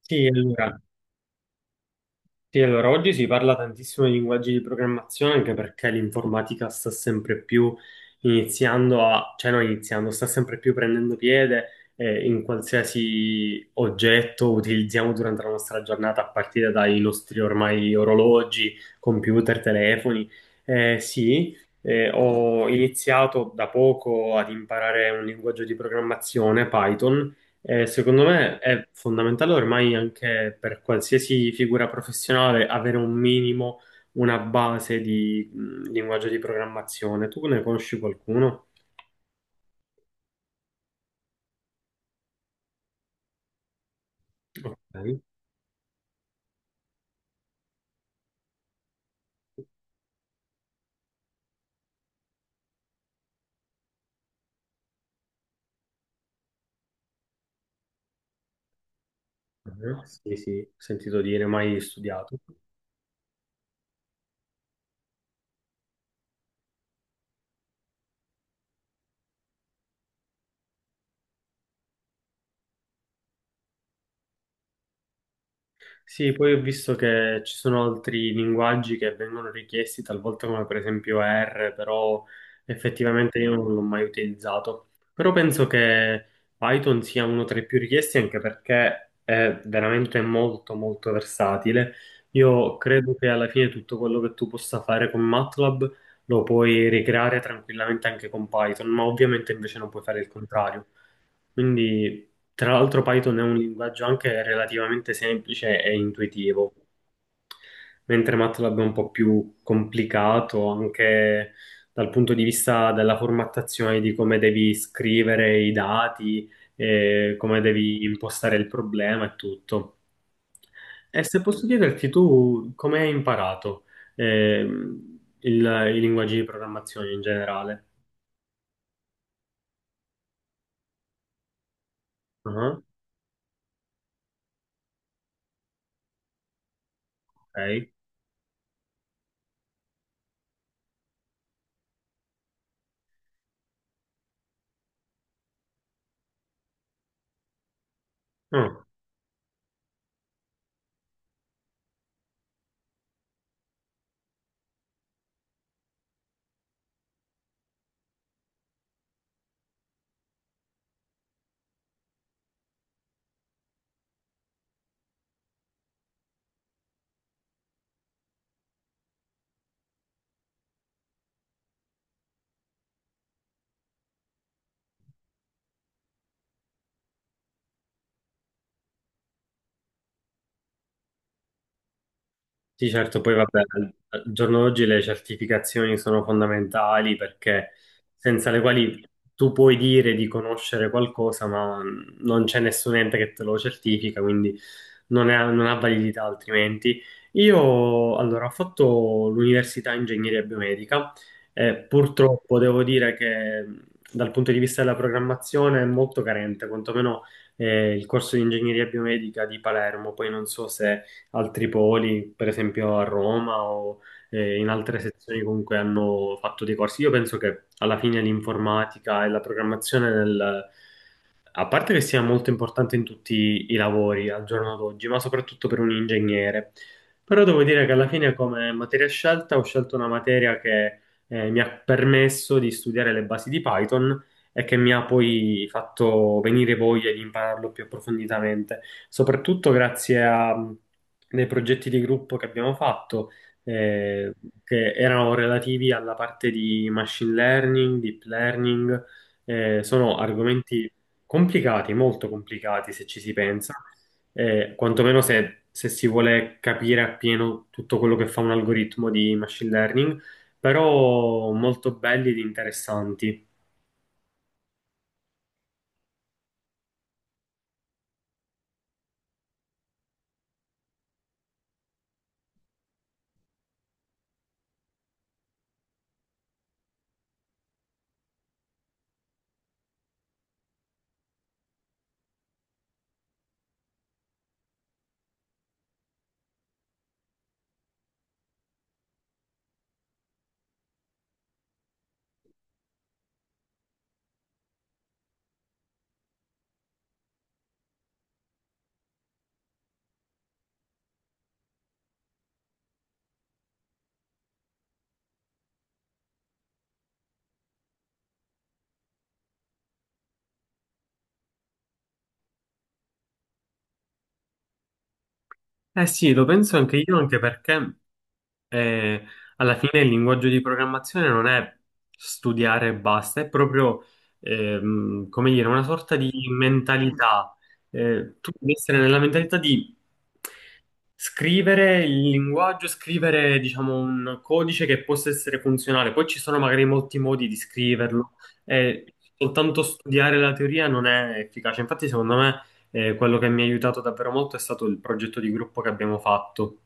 Sì, allora, oggi si parla tantissimo di linguaggi di programmazione anche perché l'informatica sta sempre più iniziando a, cioè non iniziando, sta sempre più prendendo piede in qualsiasi oggetto utilizziamo durante la nostra giornata, a partire dai nostri ormai orologi, computer, telefoni. Sì, ho iniziato da poco ad imparare un linguaggio di programmazione, Python. Eh, secondo me è fondamentale ormai anche per qualsiasi figura professionale avere un minimo, una base di linguaggio di programmazione. Tu ne conosci qualcuno? Ok. Mhm. Sì, sì, ho sentito dire, mai studiato. Sì, poi ho visto che ci sono altri linguaggi che vengono richiesti talvolta come per esempio R, però effettivamente io non l'ho mai utilizzato. Però penso che Python sia uno tra i più richiesti anche perché è veramente molto molto versatile. Io credo che alla fine tutto quello che tu possa fare con MATLAB lo puoi ricreare tranquillamente anche con Python, ma ovviamente invece non puoi fare il contrario. Quindi, tra l'altro, Python è un linguaggio anche relativamente semplice e intuitivo, mentre MATLAB è un po' più complicato anche dal punto di vista della formattazione di come devi scrivere i dati, come devi impostare il problema e tutto. E se posso chiederti tu come hai imparato ehm, il- i linguaggi di programmazione in generale? Ah, ok. Ah. Sì, certo, poi vabbè, al giorno d'oggi le certificazioni sono fondamentali perché senza le quali tu puoi dire di conoscere qualcosa, ma non c'è nessun ente che te lo certifica, quindi non ha validità altrimenti. Io allora ho fatto l'università ingegneria biomedica e purtroppo devo dire che dal punto di vista della programmazione è molto carente, quantomeno il corso di ingegneria biomedica di Palermo, poi non so se altri poli, per esempio a Roma o in altre sezioni comunque hanno fatto dei corsi. Io penso che alla fine l'informatica e la programmazione nel, a parte che sia molto importante in tutti i lavori al giorno d'oggi, ma soprattutto per un ingegnere. Però devo dire che alla fine come materia scelta ho scelto una materia che mi ha permesso di studiare le basi di Python e che mi ha poi fatto venire voglia di impararlo più approfonditamente, soprattutto grazie a dei progetti di gruppo che abbiamo fatto, eh, che erano relativi alla parte di machine learning, deep learning. Sono argomenti complicati, molto complicati se ci si pensa, quantomeno se si vuole capire appieno tutto quello che fa un algoritmo di machine learning, però molto belli ed interessanti. Eh sì, lo penso anche io, anche perché eh, alla fine il linguaggio di programmazione non è studiare e basta, è proprio, come dire, una sorta di mentalità. Tu devi essere nella mentalità di scrivere il linguaggio, scrivere, diciamo, un codice che possa essere funzionale. Poi ci sono magari molti modi di scriverlo, e soltanto studiare la teoria non è efficace. Infatti, secondo me. Quello che mi ha aiutato davvero molto è stato il progetto di gruppo che abbiamo fatto.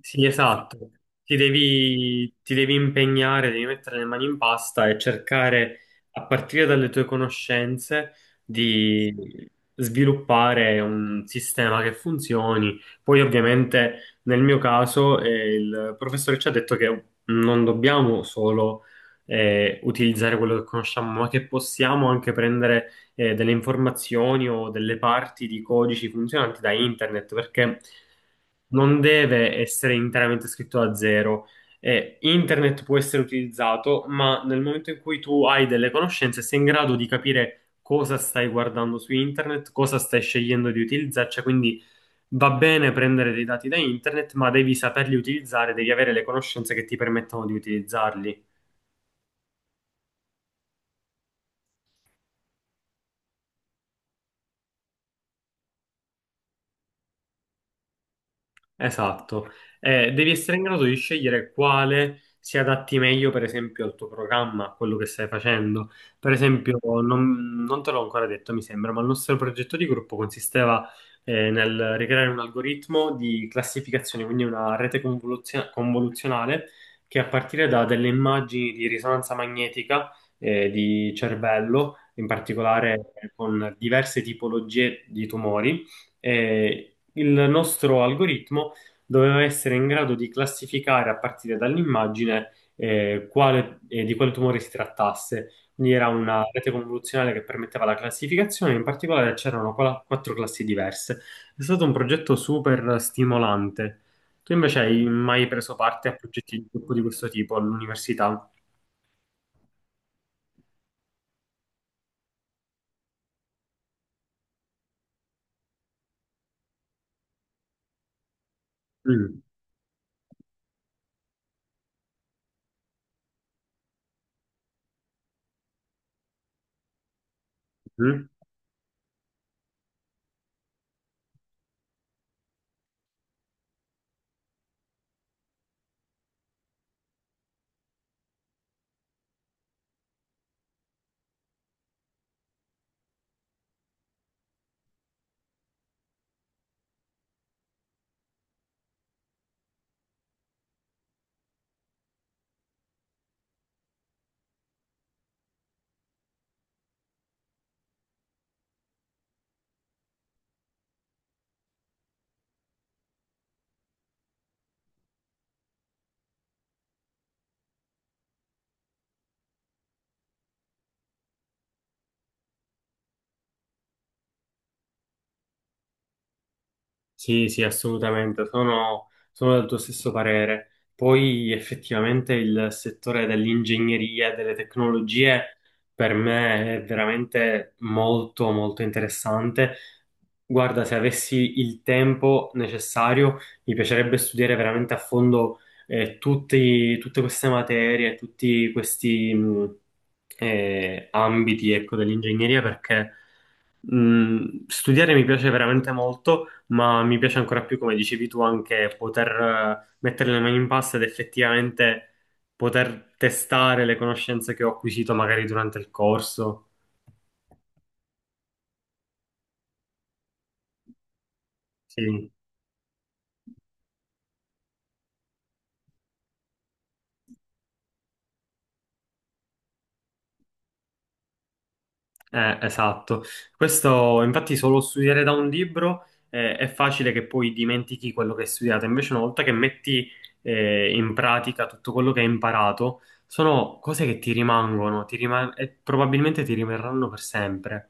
Sì, esatto. Ti devi impegnare, devi mettere le mani in pasta e cercare, a partire dalle tue conoscenze, di sviluppare un sistema che funzioni. Poi, ovviamente, nel mio caso, il professore ci ha detto che non dobbiamo solo utilizzare quello che conosciamo, ma che possiamo anche prendere delle informazioni o delle parti di codici funzionanti da internet, perché non deve essere interamente scritto da zero. E internet può essere utilizzato, ma nel momento in cui tu hai delle conoscenze, sei in grado di capire cosa stai guardando su internet, cosa stai scegliendo di utilizzare, cioè quindi va bene prendere dei dati da internet, ma devi saperli utilizzare, devi avere le conoscenze che ti permettono di utilizzarli. Esatto. Devi essere in grado di scegliere quale si adatti meglio, per esempio, al tuo programma, a quello che stai facendo. Per esempio, non te l'ho ancora detto, mi sembra, ma il nostro progetto di gruppo consisteva, nel ricreare un algoritmo di classificazione, quindi una rete convoluzionale che a partire da delle immagini di risonanza magnetica, di cervello, in particolare con diverse tipologie di tumori, eh, il nostro algoritmo doveva essere in grado di classificare a partire dall'immagine di quale tumore si trattasse. Quindi era una rete convoluzionale che permetteva la classificazione, in particolare c'erano quattro classi diverse. È stato un progetto super stimolante. Tu invece hai mai preso parte a progetti di gruppo di questo tipo all'università? Mm. Mm. Sì, sì, assolutamente, sono del tuo stesso parere. Poi effettivamente il settore dell'ingegneria e delle tecnologie per me è veramente molto, molto interessante. Guarda, se avessi il tempo necessario, mi piacerebbe studiare veramente a fondo tutte queste materie, tutti questi ambiti, ecco, dell'ingegneria perché... Mm, studiare mi piace veramente molto, ma mi piace ancora più, come dicevi tu, anche poter mettere le mani in pasta ed effettivamente poter testare le conoscenze che ho acquisito magari durante il corso. Sì, esatto. Questo, infatti, solo studiare da un libro è facile che poi dimentichi quello che hai studiato. Invece, una volta che metti in pratica tutto quello che hai imparato, sono cose che ti rimangono, e probabilmente ti rimarranno per sempre.